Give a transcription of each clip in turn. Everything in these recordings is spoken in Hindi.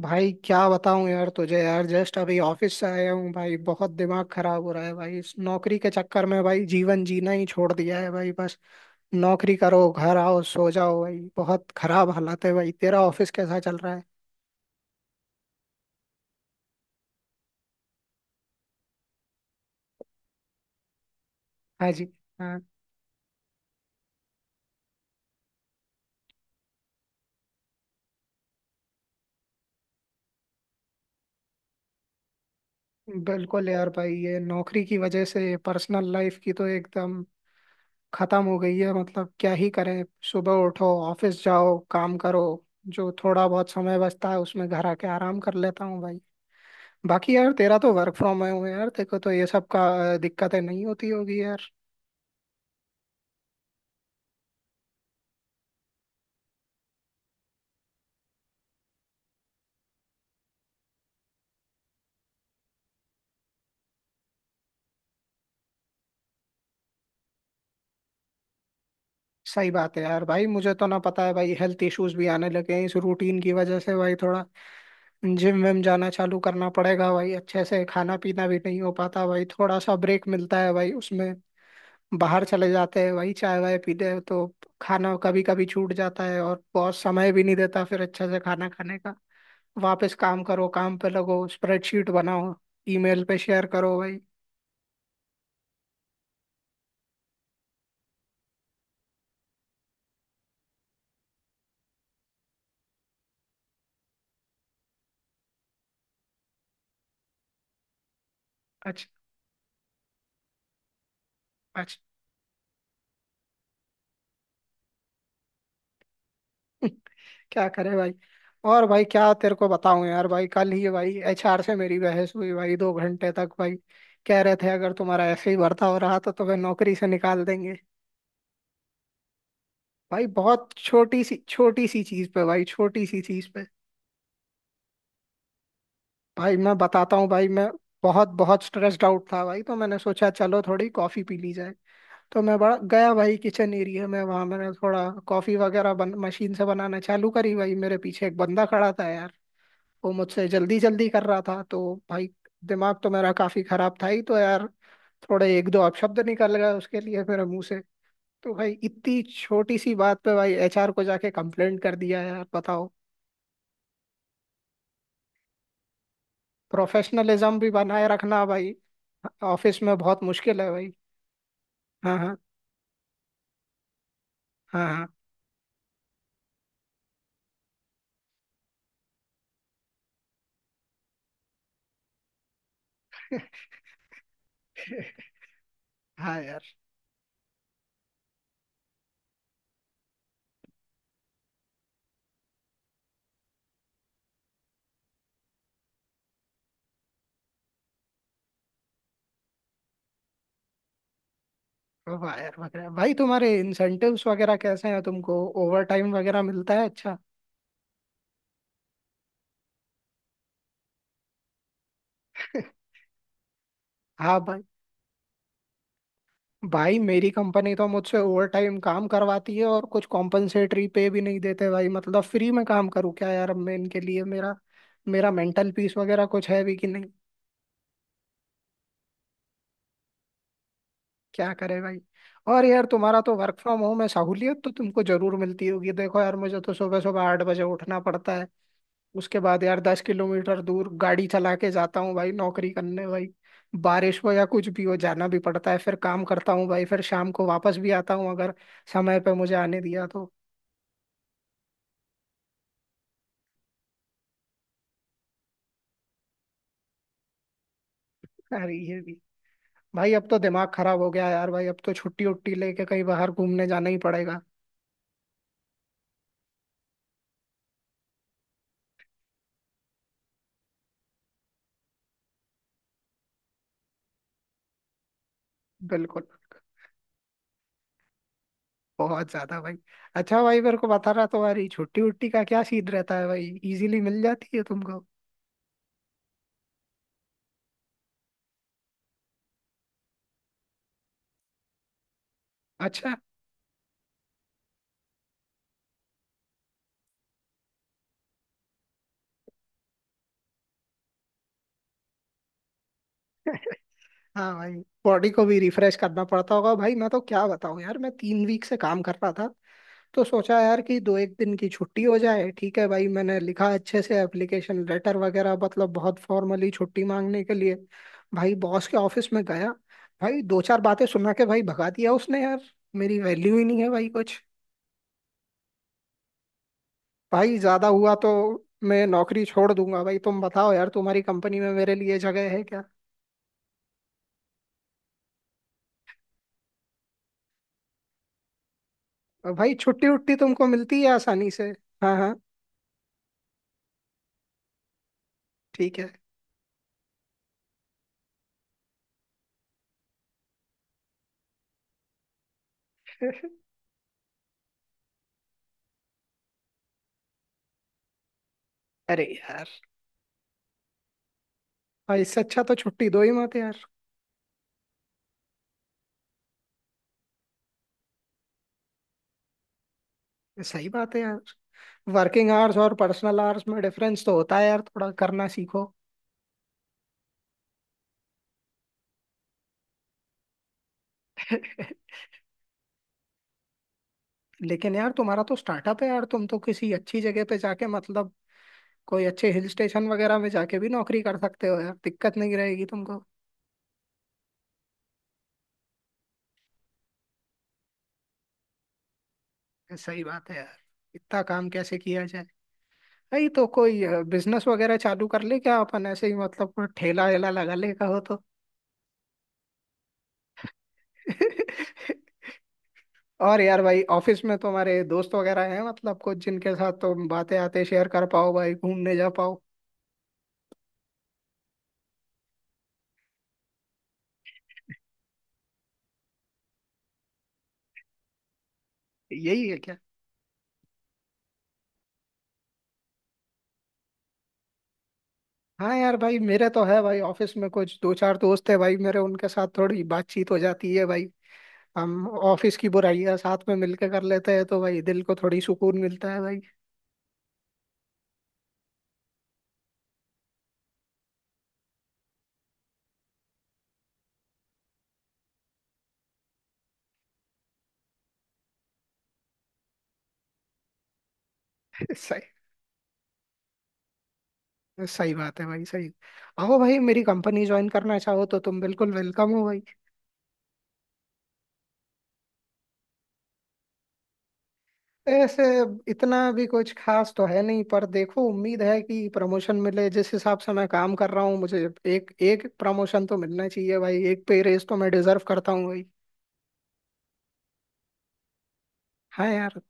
भाई क्या बताऊं यार तुझे। यार जस्ट अभी ऑफिस से आया हूँ भाई। बहुत दिमाग खराब हो रहा है भाई। इस नौकरी के चक्कर में भाई जीवन जीना ही छोड़ दिया है भाई। बस नौकरी करो, घर आओ, सो जाओ भाई। बहुत खराब हालत है भाई। तेरा ऑफिस कैसा चल रहा है? हाँ जी। हाँ। बिल्कुल यार भाई, ये नौकरी की वजह से पर्सनल लाइफ की तो एकदम खत्म हो गई है। मतलब क्या ही करें। सुबह उठो, ऑफिस जाओ, काम करो। जो थोड़ा बहुत समय बचता है उसमें घर आके आराम कर लेता हूँ भाई। बाकी यार तेरा तो वर्क फ्रॉम होम है यार, देखो तो ये सब का दिक्कतें नहीं होती होगी यार। सही बात है यार भाई। मुझे तो ना पता है भाई, हेल्थ इश्यूज भी आने लगे हैं इस रूटीन की वजह से भाई। थोड़ा जिम विम जाना चालू करना पड़ेगा भाई। अच्छे से खाना पीना भी नहीं हो पाता भाई। थोड़ा सा ब्रेक मिलता है भाई उसमें बाहर चले जाते हैं भाई, चाय वाय पीते हैं। तो खाना कभी कभी छूट जाता है, और बॉस समय भी नहीं देता फिर अच्छे से खाना खाने का। वापस काम करो, काम पे लगो, स्प्रेडशीट बनाओ, ईमेल पे शेयर करो भाई। अच्छा। अच्छा। क्या करे भाई। और भाई क्या तेरे को बताऊं यार भाई, कल ही भाई एचआर से मेरी बहस हुई भाई, 2 घंटे तक भाई। कह रहे थे अगर तुम्हारा ऐसे ही भर्ता हो रहा तो तुम्हें नौकरी से निकाल देंगे भाई। बहुत छोटी सी चीज पे भाई, छोटी सी चीज पे भाई। मैं बताता हूँ भाई, मैं बहुत बहुत स्ट्रेस्ड आउट था भाई, तो मैंने सोचा चलो थोड़ी कॉफी पी ली जाए। तो मैं बड़ा गया भाई किचन एरिया में। वहां मैंने थोड़ा कॉफी वगैरह मशीन से बनाना चालू करी भाई। मेरे पीछे एक बंदा खड़ा था, वो मुझसे जल्दी जल्दी कर रहा था, तो भाई दिमाग तो मेरा काफी खराब था ही, तो यार थोड़े एक दो अपशब्द निकल गए उसके लिए मेरे मुंह से। तो भाई इतनी छोटी सी बात पे भाई एचआर को जाके कंप्लेंट कर दिया। यार बताओ, प्रोफेशनलिज्म भी बनाए रखना भाई ऑफिस में बहुत मुश्किल है भाई। हाँ हाँ। हाँ हाँ। हाँ यार। वाह यार, वगैरह भाई तुम्हारे इंसेंटिव्स वगैरह कैसे हैं? तुमको ओवर टाइम वगैरह मिलता है? अच्छा। हाँ भाई। भाई मेरी कंपनी तो मुझसे ओवर टाइम काम करवाती है और कुछ कॉम्पनसेटरी पे भी नहीं देते भाई। मतलब फ्री में काम करूँ क्या यार अब मैं इनके लिए? मेरा मेरा मेंटल पीस वगैरह कुछ है भी कि नहीं? क्या करे भाई। और यार तुम्हारा तो वर्क फ्रॉम होम है, सहूलियत तो तुमको जरूर मिलती होगी। देखो यार मुझे तो सुबह सुबह 8 बजे उठना पड़ता है। उसके बाद यार 10 किलोमीटर दूर गाड़ी चला के जाता हूँ भाई नौकरी करने भाई। बारिश हो या कुछ भी हो जाना भी पड़ता है, फिर काम करता हूँ भाई, फिर शाम को वापस भी आता हूँ, अगर समय पे मुझे आने दिया तो। अरे ये भी भाई, अब तो दिमाग खराब हो गया यार भाई। अब तो छुट्टी उट्टी लेके कहीं बाहर घूमने जाना ही पड़ेगा। बिल्कुल। बहुत ज्यादा भाई। अच्छा भाई मेरे को बता रहा, तुम्हारी छुट्टी उट्टी का क्या सीन रहता है भाई? इजीली मिल जाती है तुमको? अच्छा। हाँ भाई। बॉडी को भी रिफ्रेश करना पड़ता होगा भाई। मैं तो क्या बताऊं यार, मैं 3 वीक से काम कर रहा था, तो सोचा यार कि दो एक दिन की छुट्टी हो जाए, ठीक है भाई। मैंने लिखा अच्छे से एप्लीकेशन लेटर वगैरह, मतलब बहुत फॉर्मली छुट्टी मांगने के लिए भाई, बॉस के ऑफिस में गया भाई। दो चार बातें सुना के भाई भगा दिया उसने यार। मेरी वैल्यू ही नहीं है भाई कुछ। भाई ज्यादा हुआ तो मैं नौकरी छोड़ दूंगा भाई। तुम बताओ यार, तुम्हारी कंपनी में मेरे लिए जगह है क्या? और भाई छुट्टी उट्टी तुमको मिलती है आसानी से? हाँ हाँ। ठीक है। अरे यार, भाई इससे अच्छा तो छुट्टी दो ही मत यार। सही बात है यार, वर्किंग आवर्स और पर्सनल आवर्स में डिफरेंस तो होता है यार, थोड़ा करना सीखो। लेकिन यार तुम्हारा तो स्टार्टअप है यार, तुम तो किसी अच्छी जगह पे जाके मतलब कोई अच्छे हिल स्टेशन वगैरह में जाके भी नौकरी कर सकते हो यार, दिक्कत नहीं रहेगी तुमको। सही बात है यार। इतना काम कैसे किया जाए। भाई तो कोई बिजनेस वगैरह चालू कर ले क्या अपन ऐसे ही, मतलब कोई ठेला वेला लगा ले कहो तो। और यार भाई ऑफिस में तुम्हारे दोस्त वगैरह हैं, मतलब कुछ जिनके साथ तुम बातें आते शेयर कर पाओ भाई, घूमने जा पाओ? यही है क्या? हाँ यार भाई, मेरे तो है भाई ऑफिस में कुछ दो चार दोस्त है भाई मेरे, उनके साथ थोड़ी बातचीत हो जाती है भाई। हम ऑफिस की बुराइयां साथ में मिलकर कर लेते हैं, तो भाई दिल को थोड़ी सुकून मिलता है भाई। सही। सही बात है भाई, सही। आओ भाई, मेरी कंपनी ज्वाइन करना चाहो तो तुम बिल्कुल वेलकम हो भाई। ऐसे इतना भी कुछ खास तो है नहीं, पर देखो उम्मीद है कि प्रमोशन मिले। जिस हिसाब से मैं काम कर रहा हूँ, मुझे एक एक प्रमोशन तो मिलना चाहिए भाई, एक पे रेस तो मैं डिजर्व करता हूँ भाई। हाँ यार।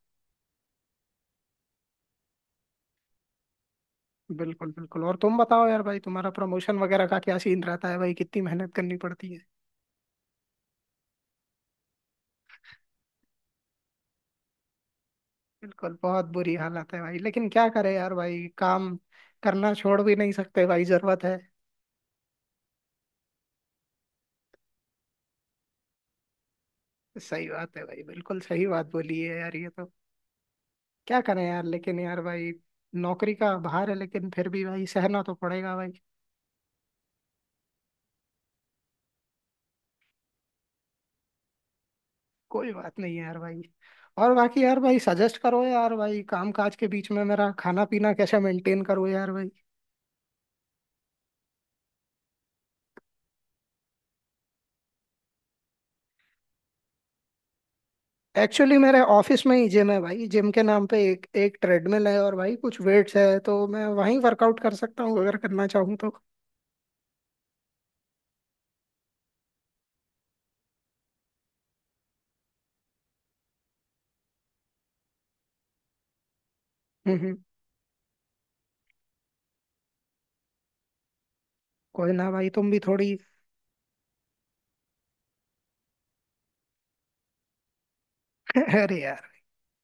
बिल्कुल बिल्कुल। और तुम बताओ यार भाई, तुम्हारा प्रमोशन वगैरह का क्या सीन रहता है भाई? कितनी मेहनत करनी पड़ती है? बिल्कुल, बहुत बुरी हालत है भाई, लेकिन क्या करे यार भाई, काम करना छोड़ भी नहीं सकते भाई, जरूरत है। सही बात है भाई, बिल्कुल सही बात बोली है यार, ये तो। क्या करें यार, लेकिन यार भाई नौकरी का भार है, लेकिन फिर भी भाई सहना तो पड़ेगा भाई। कोई बात नहीं है यार भाई। और बाकी यार भाई सजेस्ट करो यार भाई, काम काज के बीच में मेरा खाना पीना कैसे मेंटेन करो यार भाई? एक्चुअली मेरे ऑफिस में ही जिम है भाई। जिम के नाम पे एक एक ट्रेडमिल है और भाई कुछ वेट्स है, तो मैं वहीं वर्कआउट कर सकता हूँ अगर करना चाहूँ तो। हम्म। कोई ना भाई तुम भी थोड़ी। अरे यार,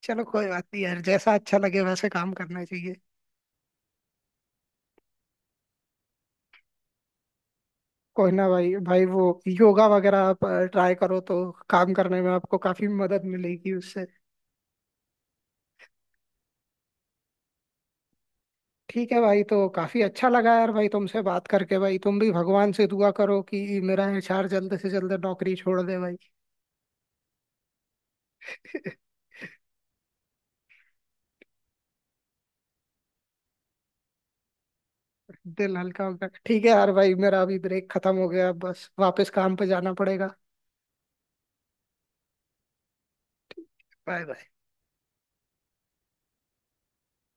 चलो कोई बात नहीं यार, जैसा अच्छा लगे वैसे काम करना चाहिए। कोई ना भाई, भाई वो योगा वगैरह आप ट्राई करो तो काम करने में आपको काफी मदद मिलेगी उससे। ठीक है भाई, तो काफी अच्छा लगा यार भाई तुमसे बात करके भाई। तुम भी भगवान से दुआ करो कि मेरा एचआर जल्द से जल्द नौकरी छोड़ दे भाई। दिल हल्का हो गया, ठीक है यार भाई। मेरा अभी ब्रेक खत्म हो गया, बस वापस काम पे जाना पड़ेगा। Bye bye.